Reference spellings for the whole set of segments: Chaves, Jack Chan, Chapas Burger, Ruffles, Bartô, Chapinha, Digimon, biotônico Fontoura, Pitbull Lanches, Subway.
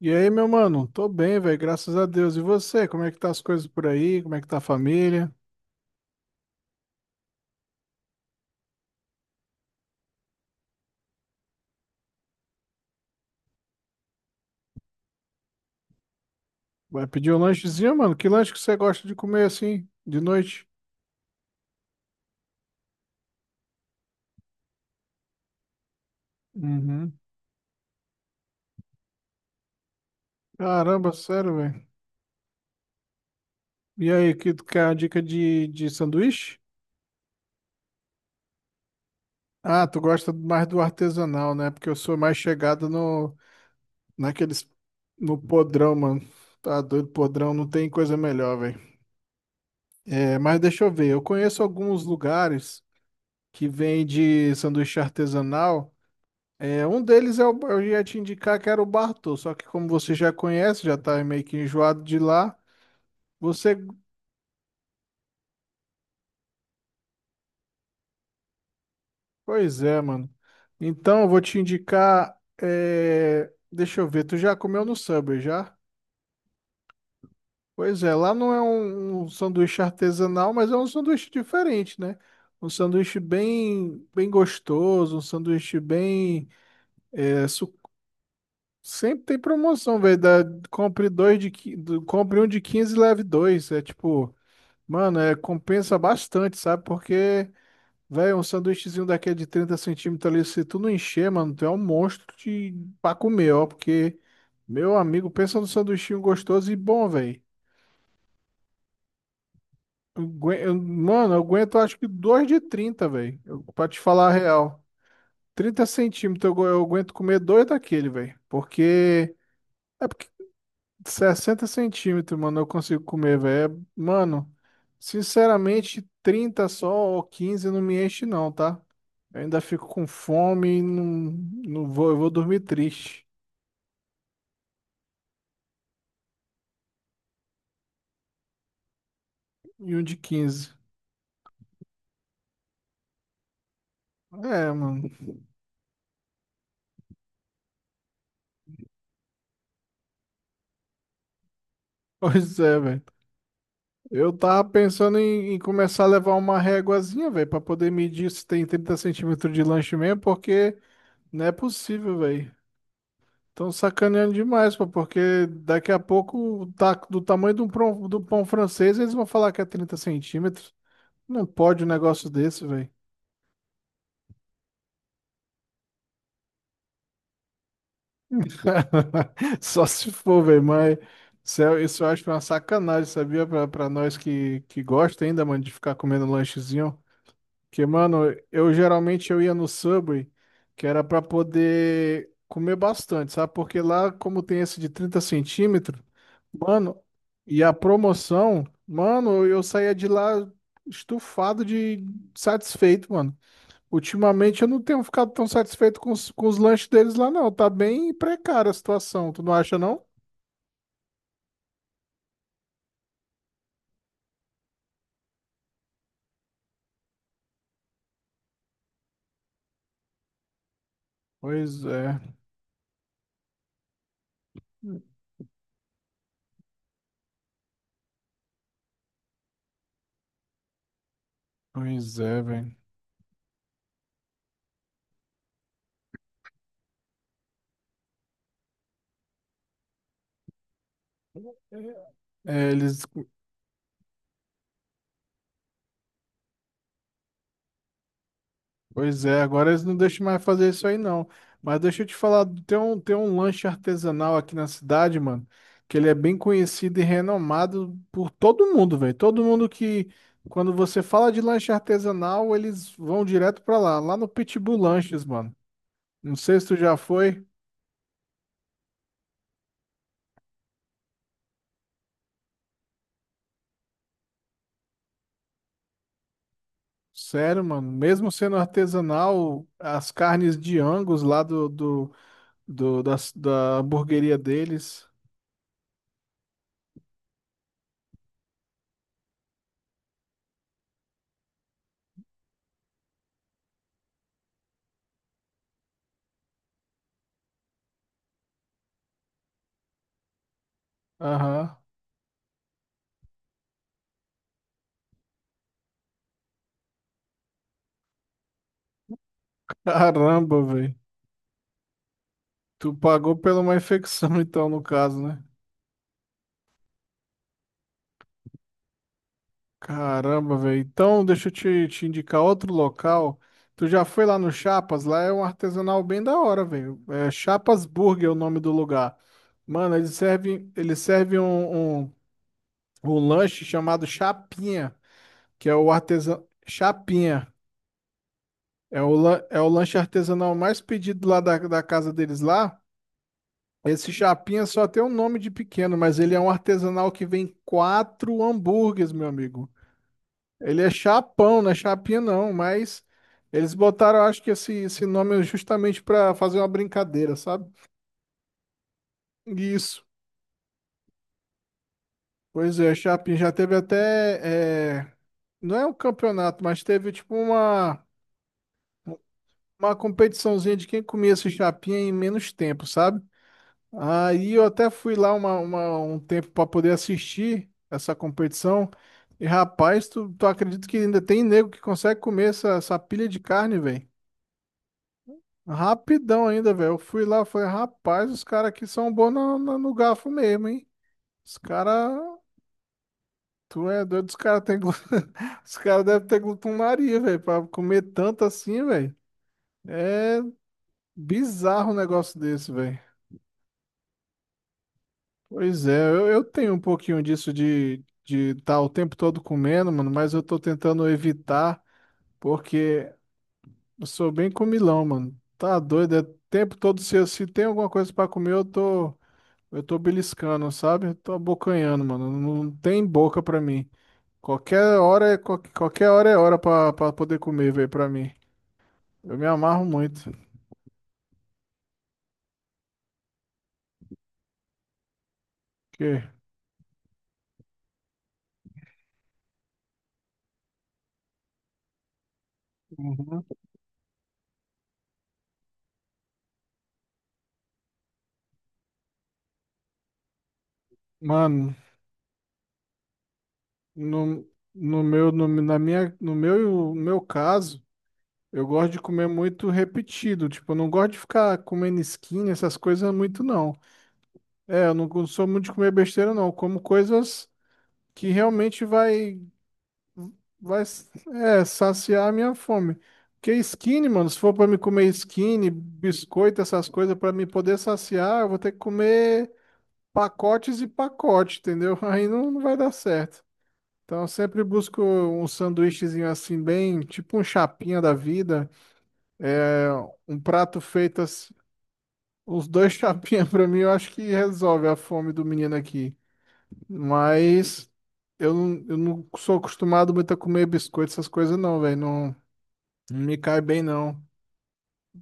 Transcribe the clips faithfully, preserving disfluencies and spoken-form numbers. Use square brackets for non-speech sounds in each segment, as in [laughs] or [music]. E aí, meu mano? Tô bem, velho, graças a Deus. E você? Como é que tá as coisas por aí? Como é que tá a família? Vai pedir um lanchezinho, mano? Que lanche que você gosta de comer assim, de noite? Uhum. Caramba, sério, velho. E aí, que tu quer uma dica de, de sanduíche? Ah, tu gosta mais do artesanal, né? Porque eu sou mais chegado no, naqueles, no podrão, mano. Tá doido, podrão, não tem coisa melhor, velho. É, mas deixa eu ver, eu conheço alguns lugares que vende sanduíche artesanal. É, um deles é o, eu ia te indicar que era o Bartô, só que como você já conhece, já tá meio que enjoado de lá, você. Pois é, mano. Então eu vou te indicar. é, Deixa eu ver, tu já comeu no Subway já? Pois é, lá não é um, um sanduíche artesanal, mas é um sanduíche diferente, né? Um sanduíche bem, bem gostoso, um sanduíche bem. é, su- Sempre tem promoção, velho. Da- Compre dois de, qui- do- compre um de quinze e leve dois. É tipo. Mano, é, compensa bastante, sabe? Porque, velho, um sanduíchezinho daquele de trinta centímetros ali, se tu não encher, mano, tu é um monstro de... Pra comer, ó. Porque, meu amigo, pensa num sanduichinho gostoso e bom, velho. Eu ague- eu- Mano, eu aguento acho que dois de trinta velho. Eu- Pra te falar a real. Trinta centímetros eu, agu- eu aguento comer dois daquele, velho. Porque. É porque sessenta centímetros, mano, eu consigo comer, velho. É, mano, sinceramente, trinta só ou quinze não me enche, não, tá? Eu ainda fico com fome e não, não vou, eu vou dormir triste. E um de quinze. É, mano. [laughs] Pois é, velho. Eu tava pensando em, em começar a levar uma réguazinha, velho, pra poder medir se tem trinta centímetros de lanche mesmo, porque não é possível, velho. Estão sacaneando demais, pô, porque daqui a pouco, tá do tamanho de um prom- do pão francês, eles vão falar que é trinta centímetros. Não pode um negócio desse, velho. [laughs] Só se for, velho, mas isso, é- isso eu acho uma sacanagem, sabia? Pra, pra nós que, que gosta ainda, mano, de ficar comendo lanchezinho. Que, mano, eu geralmente eu ia no Subway, que era pra poder comer bastante, sabe? Porque lá, como tem esse de trinta centímetros, mano, e a promoção, mano, eu saía de lá estufado de satisfeito, mano. Ultimamente eu não tenho ficado tão satisfeito com os, com os lanches deles lá, não. Tá bem precária a situação, tu não acha, não? Pois é, pois é, velho. É, eles Pois é, agora eles não deixam mais fazer isso aí não. Mas deixa eu te falar, tem um, tem um lanche artesanal aqui na cidade, mano, que ele é bem conhecido e renomado por todo mundo, velho. Todo mundo que, quando você fala de lanche artesanal, eles vão direto pra lá, lá no Pitbull Lanches, mano. Não sei se tu já foi. Sério, mano, mesmo sendo artesanal, as carnes de Angus lá do, do do, da, da hamburgueria deles. Aham. [laughs] Caramba, velho. Tu pagou pela uma infecção, [laughs] então, no caso, né? Caramba, velho. Então, deixa eu te, te indicar outro local. Tu já foi lá no Chapas? Lá é um artesanal bem da hora, velho. É Chapas Burger é o nome do lugar. Mano, eles servem, eles servem um, um o lanche chamado Chapinha, que é o artesão. Chapinha. É o, lan- é o lanche artesanal mais pedido lá da, da casa deles lá. Esse Chapinha só tem um nome de pequeno, mas ele é um artesanal que vem quatro hambúrgueres, meu amigo. Ele é chapão, não é chapinha não, mas eles botaram, eu acho que esse, esse nome justamente para fazer uma brincadeira, sabe? Isso. Pois é, Chapinha já teve até, é, não é um campeonato, mas teve tipo uma uma competiçãozinha de quem comia essa chapinha em menos tempo, sabe? Aí eu até fui lá uma, uma- um tempo para poder assistir essa competição. E rapaz, tu, tu acredita que ainda tem nego que consegue comer essa, essa pilha de carne, velho? Rapidão ainda, velho. Eu fui lá, falei, rapaz, os caras aqui são bons no, no, no garfo mesmo, hein? Os caras. Tu é doido, os caras têm. glu- [laughs] Os caras devem ter glutonaria, velho, pra comer tanto assim, velho. É bizarro um negócio desse, velho. Pois é, eu, eu tenho um pouquinho disso de de estar o tempo todo comendo, mano, mas eu tô tentando evitar porque eu sou bem comilão, mano. Tá doido, é o tempo todo se, eu- se tem alguma coisa pra comer, eu tô eu tô beliscando, sabe? Eu tô abocanhando, mano. Não tem boca pra mim. Qualquer hora é qual- qualquer hora é hora pra pra poder comer, velho, pra mim. Eu me amarro muito. Que? Uhum. Mano, no, no meu no, na minha no meu no meu caso. Eu gosto de comer muito repetido, tipo, eu não gosto de ficar comendo skin, essas coisas muito não. É, eu não go- sou muito de comer besteira não, eu como coisas que realmente vai vai é, saciar a minha fome. Porque skin, mano, se for pra me comer skin, biscoito, essas coisas pra me poder saciar, eu vou ter que comer pacotes e pacote, entendeu? [laughs] Aí não, não vai dar certo. Então eu sempre busco um sanduíchezinho assim bem, tipo um chapinha da vida. É, um prato feito assim, uns dois chapinhas [laughs] pra mim, eu acho que resolve a fome do menino aqui. Mas eu não, eu não sou acostumado muito a comer biscoito, essas coisas não, velho. Não, não me cai bem, não.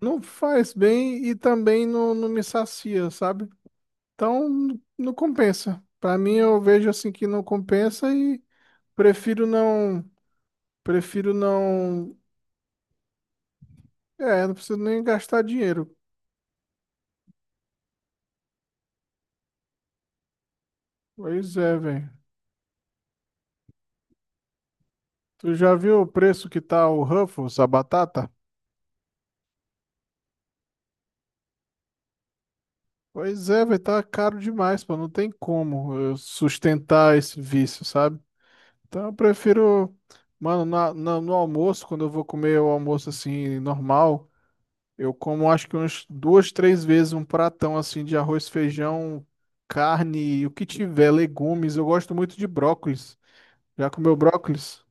Não faz bem e também não, não me sacia, sabe? Então não não compensa. Pra mim, eu vejo assim que não compensa e prefiro não. Prefiro não. É, não preciso nem gastar dinheiro. Pois é, velho. Tu já viu o preço que tá o Ruffles, a batata? Pois é, vai tá caro demais, pô. Não tem como eu sustentar esse vício, sabe? Então eu prefiro, mano, na, na- no almoço, quando eu vou comer o almoço assim, normal, eu como acho que umas duas, três vezes um pratão assim de arroz, feijão, carne, o que tiver, legumes. Eu gosto muito de brócolis. Já comeu brócolis?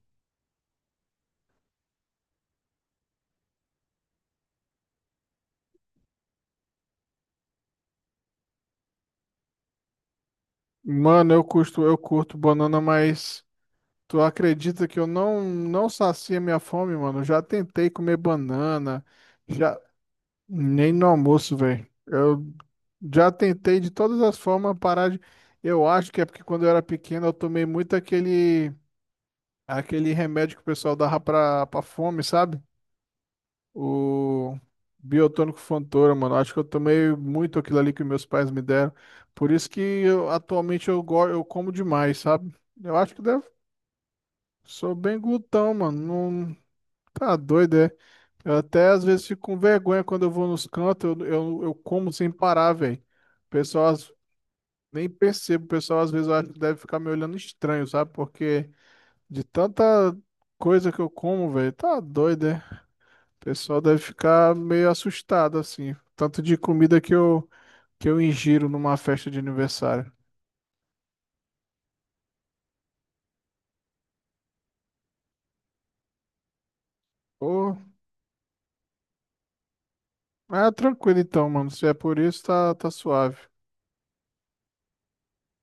Mano, eu curto eu curto banana, mas. Tu acredita que eu não não sacia minha fome, mano? Eu já tentei comer banana, já nem no almoço, velho. Eu já tentei de todas as formas parar de. Eu acho que é porque quando eu era pequeno eu tomei muito aquele aquele remédio que o pessoal dava pra, pra fome, sabe? O biotônico Fontoura, mano. Acho que eu tomei muito aquilo ali que meus pais me deram. Por isso que eu, atualmente eu, go- eu como demais, sabe? Eu acho que deve Sou bem glutão, mano. Não, tá doido, é? Eu até às vezes fico com vergonha quando eu vou nos cantos, eu, eu, eu como sem parar, velho. O pessoal às- nem percebo, o pessoal às vezes eu acho que deve ficar me olhando estranho, sabe? Porque de tanta coisa que eu como, velho, tá doido, é? O pessoal deve ficar meio assustado, assim. Tanto de comida que eu, que eu ingiro numa festa de aniversário. Ô, ah, tranquilo então, mano. Se é por isso, tá, tá suave.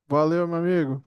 Valeu, meu amigo.